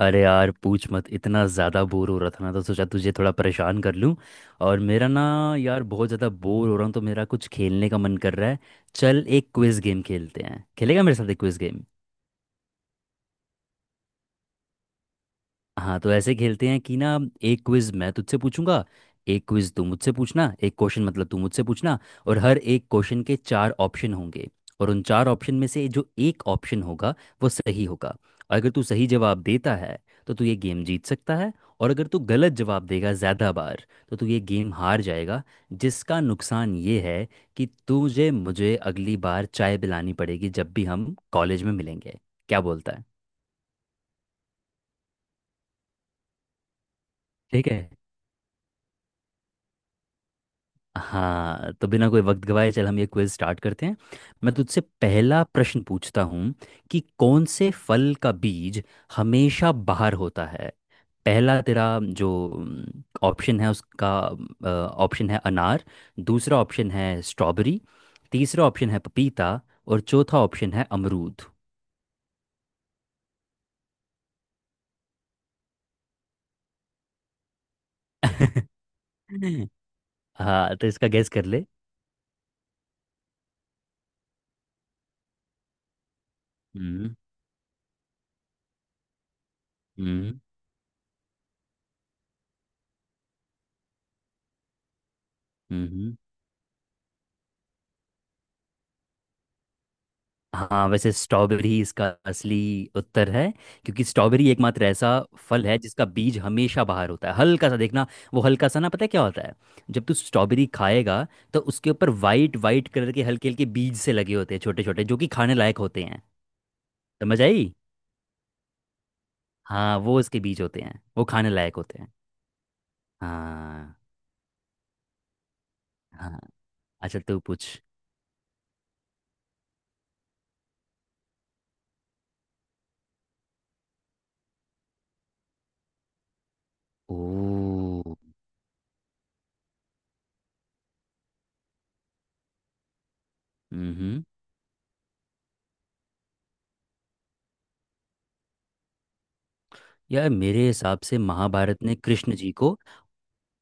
अरे यार पूछ मत। इतना ज़्यादा बोर हो रहा था ना, तो सोचा तुझे थोड़ा परेशान कर लूँ। और मेरा ना, यार बहुत ज़्यादा बोर हो रहा हूँ, तो मेरा कुछ खेलने का मन कर रहा है। चल एक क्विज़ गेम खेलते हैं। खेलेगा मेरे साथ एक क्विज़ गेम? हाँ तो ऐसे खेलते हैं कि ना, एक क्विज मैं तुझसे पूछूंगा, एक क्विज तू मुझसे पूछना। एक क्वेश्चन मतलब तू मुझसे पूछना। और हर एक क्वेश्चन के चार ऑप्शन होंगे। और उन चार ऑप्शन में से जो एक ऑप्शन होगा वो सही होगा। और अगर तू सही जवाब देता है तो तू ये गेम जीत सकता है। और अगर तू गलत जवाब देगा ज़्यादा बार, तो तू ये गेम हार जाएगा। जिसका नुकसान ये है कि तुझे मुझे अगली बार चाय पिलानी पड़ेगी जब भी हम कॉलेज में मिलेंगे। क्या बोलता है? ठीक है। हाँ तो बिना कोई वक्त गवाए चल हम ये क्विज स्टार्ट करते हैं। मैं तुझसे पहला प्रश्न पूछता हूँ कि कौन से फल का बीज हमेशा बाहर होता है। पहला तेरा जो ऑप्शन है उसका ऑप्शन है अनार। दूसरा ऑप्शन है स्ट्रॉबेरी। तीसरा ऑप्शन है पपीता। और चौथा ऑप्शन है अमरूद। हाँ तो इसका गैस कर ले। हम्म हम्म हम्म, हाँ वैसे स्ट्रॉबेरी इसका असली उत्तर है। क्योंकि स्ट्रॉबेरी एकमात्र ऐसा फल है जिसका बीज हमेशा बाहर होता है। हल्का सा देखना, वो हल्का सा ना पता है क्या होता है। जब तू स्ट्रॉबेरी खाएगा तो उसके ऊपर वाइट वाइट कलर के हल्के हल्के बीज से लगे होते हैं, छोटे छोटे, जो कि खाने लायक होते हैं। समझ आई? हाँ वो उसके बीज होते हैं, वो खाने लायक होते हैं। हाँ, हाँ, अच्छा तू पूछ। ओ हम्म यार मेरे हिसाब से महाभारत ने कृष्ण जी को,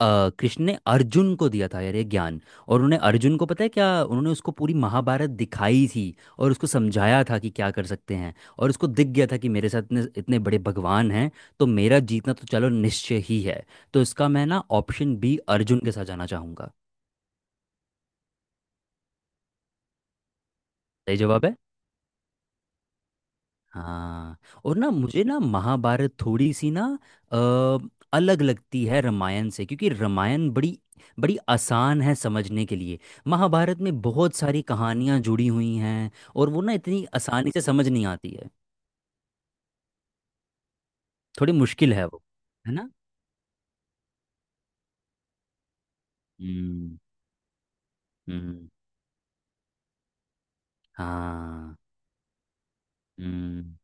कृष्ण ने अर्जुन को दिया था यार ये ज्ञान। और उन्होंने अर्जुन को पता है क्या, उन्होंने उसको पूरी महाभारत दिखाई थी। और उसको समझाया था कि क्या कर सकते हैं। और उसको दिख गया था कि मेरे साथ इतने इतने बड़े भगवान हैं, तो मेरा जीतना तो चलो निश्चय ही है। तो इसका मैं ना ऑप्शन बी अर्जुन के साथ जाना चाहूंगा। सही जवाब है। हाँ, और ना मुझे ना महाभारत थोड़ी सी ना, अ, अलग लगती है रामायण से। क्योंकि रामायण बड़ी बड़ी आसान है समझने के लिए। महाभारत में बहुत सारी कहानियाँ जुड़ी हुई हैं और वो ना इतनी आसानी से समझ नहीं आती है। थोड़ी मुश्किल है वो, है ना। हम्म, हम्म, हाँ, हम्म,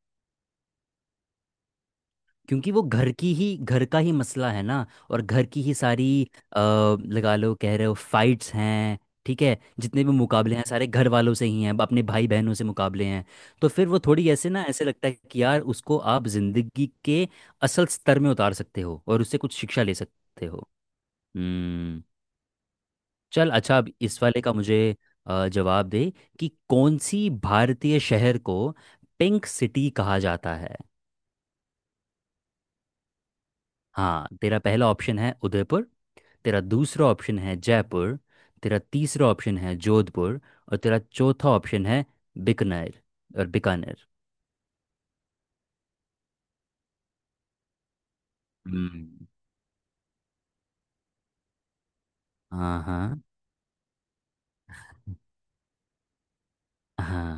क्योंकि वो घर की ही घर का ही मसला है ना। और घर की ही सारी, लगा लो कह रहे हो फाइट्स हैं। ठीक है, जितने भी मुकाबले हैं सारे घर वालों से ही हैं, अपने भाई बहनों से मुकाबले हैं। तो फिर वो थोड़ी ऐसे ना ऐसे लगता है कि यार उसको आप जिंदगी के असल स्तर में उतार सकते हो और उससे कुछ शिक्षा ले सकते हो। हम्म। चल अच्छा अब इस वाले का मुझे जवाब दे कि कौन सी भारतीय शहर को पिंक सिटी कहा जाता है। हाँ तेरा पहला ऑप्शन है उदयपुर। तेरा दूसरा ऑप्शन है जयपुर। तेरा तीसरा ऑप्शन है जोधपुर। और तेरा चौथा ऑप्शन है बीकानेर। और बीकानेर हम्म। हाँ, हाँ, हाँ,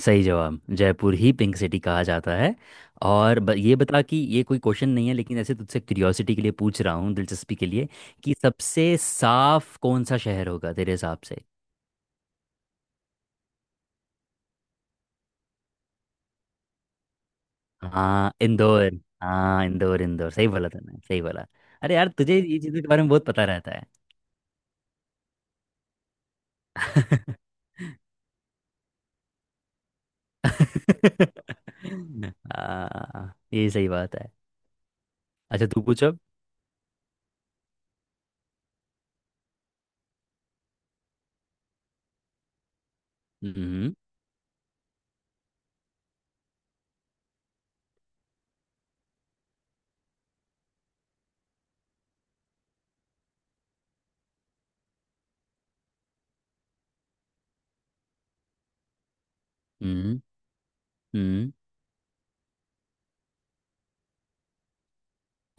सही जवाब, जयपुर ही पिंक सिटी कहा जाता है। और ये बता कि ये कोई क्वेश्चन नहीं है, लेकिन ऐसे तुझसे क्यूरियोसिटी के लिए पूछ रहा हूँ, दिलचस्पी के लिए, कि सबसे साफ कौन सा शहर होगा तेरे हिसाब से। हाँ इंदौर। हाँ इंदौर, इंदौर सही बोला तूने, सही बोला। अरे यार तुझे ये चीज़ों के बारे में बहुत पता रहता है। आ, ये सही बात है। अच्छा तू पूछ अब। हम्म, हम्म, हम्म,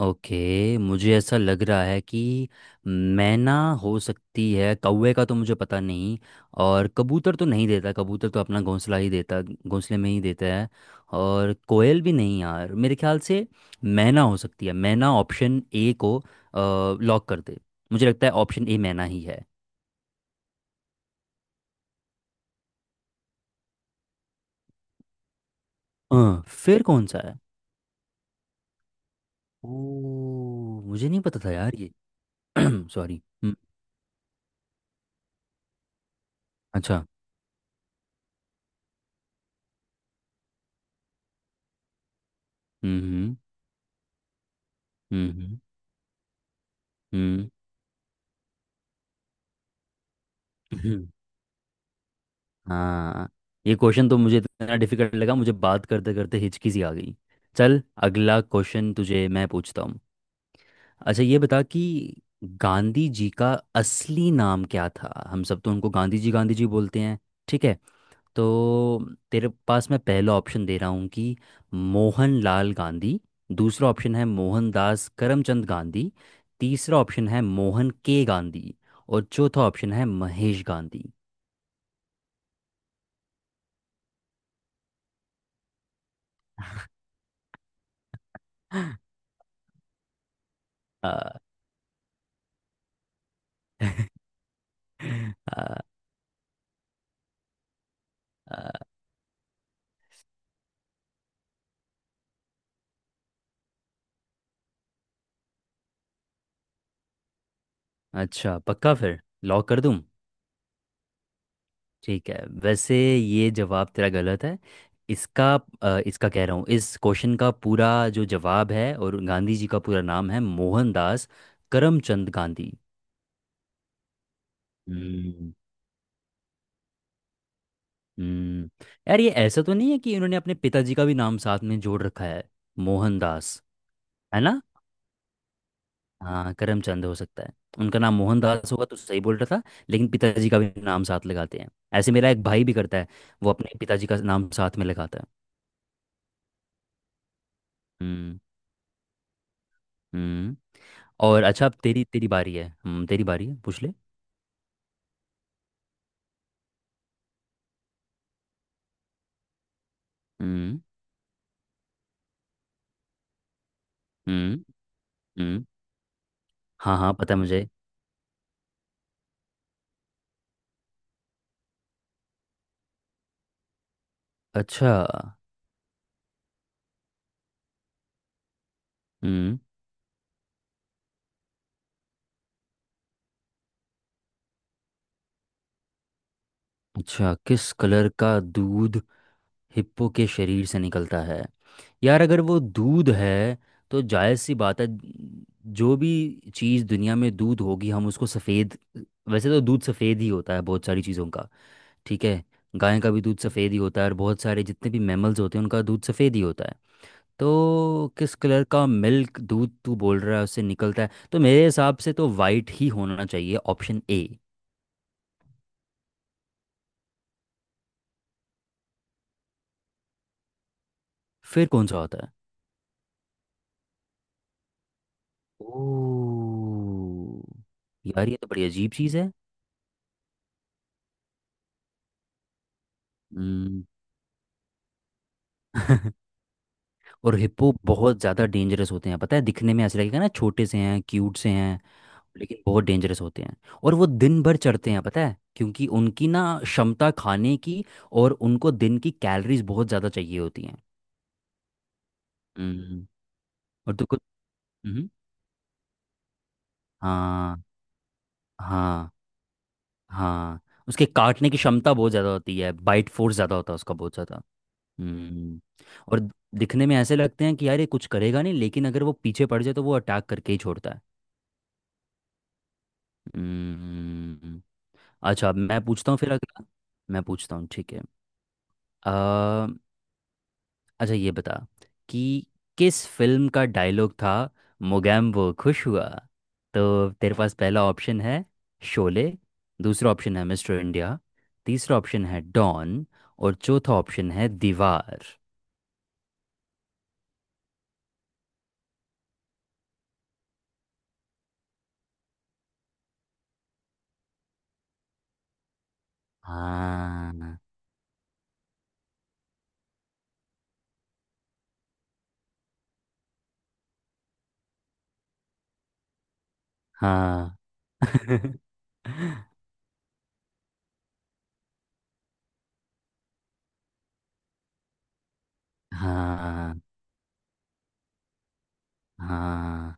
ओके मुझे ऐसा लग रहा है कि मैना हो सकती है, कौवे का तो मुझे पता नहीं। और कबूतर तो नहीं देता, कबूतर तो अपना घोंसला ही देता घोंसले में ही देता है। और कोयल भी नहीं यार मेरे ख्याल से। मैना हो सकती है, मैना ऑप्शन ए को लॉक कर दे। मुझे लगता है ऑप्शन ए मैना ही है। फिर कौन सा है? ओ मुझे नहीं पता था यार ये। सॉरी। अच्छा। हम्म, हम्म, हम्म, हम्म, हाँ, ये क्वेश्चन तो मुझे इतना डिफिकल्ट लगा, मुझे बात करते करते हिचकी सी आ गई। चल अगला क्वेश्चन तुझे मैं पूछता हूँ। अच्छा ये बता कि गांधी जी का असली नाम क्या था, हम सब तो उनको गांधी जी बोलते हैं। ठीक है, तो तेरे पास मैं पहला ऑप्शन दे रहा हूँ कि मोहन लाल गांधी। दूसरा ऑप्शन है मोहनदास करमचंद गांधी। तीसरा ऑप्शन है मोहन के गांधी। और चौथा ऑप्शन है महेश गांधी। आ, आ, आ, अच्छा पक्का फिर लॉक कर दूँ? ठीक है, वैसे ये जवाब तेरा गलत है इसका। इसका कह रहा हूँ, इस क्वेश्चन का पूरा जो जवाब है और गांधी जी का पूरा नाम है मोहनदास करमचंद गांधी। हम्म, हम्म, यार ये ऐसा तो नहीं है कि इन्होंने अपने पिताजी का भी नाम साथ में जोड़ रखा है, मोहनदास, है ना। हाँ करमचंद हो सकता है। उनका नाम मोहनदास होगा तो सही बोल रहा था, लेकिन पिताजी का भी नाम साथ लगाते हैं। ऐसे मेरा एक भाई भी करता है, वो अपने पिताजी का नाम साथ में लगाता है। हम्म, हम्म, और अच्छा अब तेरी तेरी बारी है, हम्म, तेरी बारी है, पूछ ले। हम्म, हम्म, हम्म, हाँ हाँ पता है मुझे। अच्छा। हम्म, अच्छा, किस कलर का दूध हिप्पो के शरीर से निकलता है। यार अगर वो दूध है तो जायज़ सी बात है, जो भी चीज़ दुनिया में दूध होगी हम उसको सफ़ेद। वैसे तो दूध सफ़ेद ही होता है बहुत सारी चीज़ों का। ठीक है, गाय का भी दूध सफ़ेद ही होता है, और बहुत सारे जितने भी मैमल्स होते हैं उनका दूध सफ़ेद ही होता है। तो किस कलर का मिल्क, दूध तू बोल रहा है उससे निकलता है, तो मेरे हिसाब से तो वाइट ही होना चाहिए, ऑप्शन ए। फिर कौन सा होता है? ओ यार ये तो बड़ी अजीब चीज़ है। हम्म, और हिप्पो बहुत ज़्यादा डेंजरस होते हैं पता है। दिखने में ऐसा लगेगा ना छोटे से हैं, क्यूट से हैं, लेकिन बहुत डेंजरस होते हैं। और वो दिन भर चढ़ते हैं पता है, क्योंकि उनकी ना क्षमता खाने की, और उनको दिन की कैलोरीज बहुत ज़्यादा चाहिए होती हैं। हम्म, और तो कुछ, हम्म, हाँ, हाँ, हाँ, उसके काटने की क्षमता बहुत ज़्यादा होती है, बाइट फोर्स ज़्यादा होता है उसका, बहुत ज़्यादा। हम्म, और दिखने में ऐसे लगते हैं कि यार ये कुछ करेगा नहीं, लेकिन अगर वो पीछे पड़ जाए तो वो अटैक करके ही छोड़ता है। हम्म, अच्छा मैं पूछता हूँ फिर अगला, मैं पूछता हूँ, ठीक है। आ, अच्छा ये बता कि किस फिल्म का डायलॉग था मोगैम्बो खुश हुआ। तो तेरे पास पहला ऑप्शन है शोले। दूसरा ऑप्शन है मिस्टर इंडिया। तीसरा ऑप्शन है डॉन। और चौथा ऑप्शन है दीवार। हाँ, हाँ, हाँ, हाँ,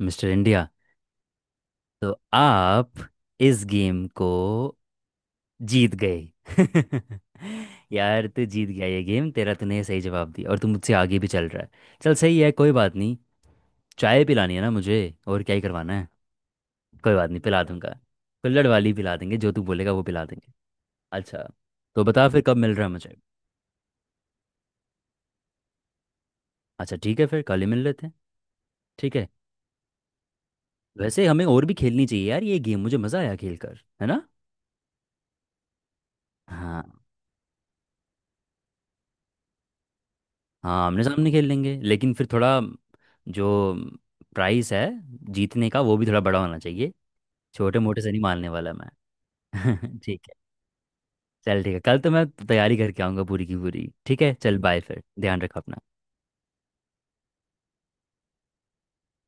मिस्टर इंडिया। तो आप इस गेम को जीत गए। यार तू जीत गया ये गेम तेरा, तूने सही जवाब दिया और तू मुझसे आगे भी चल रहा है। चल सही है, कोई बात नहीं। चाय पिलानी है ना मुझे, और क्या ही करवाना है। कोई बात नहीं पिला दूंगा, कुल्हड़ वाली पिला देंगे, जो तू बोलेगा वो पिला देंगे। अच्छा। तो बता फिर कब मिल रहा है मुझे। अच्छा ठीक है फिर कल ही मिल लेते हैं। ठीक है, वैसे हमें और भी खेलनी चाहिए यार ये गेम, मुझे मज़ा आया खेल कर, है ना। हाँ, हाँ आमने सामने खेल लेंगे, लेकिन फिर थोड़ा जो प्राइस है जीतने का वो भी थोड़ा बड़ा होना चाहिए। छोटे मोटे से नहीं मानने वाला मैं। ठीक है, चल ठीक है, कल तो मैं तैयारी करके आऊँगा पूरी की पूरी। ठीक है, चल बाय फिर, ध्यान रखो अपना।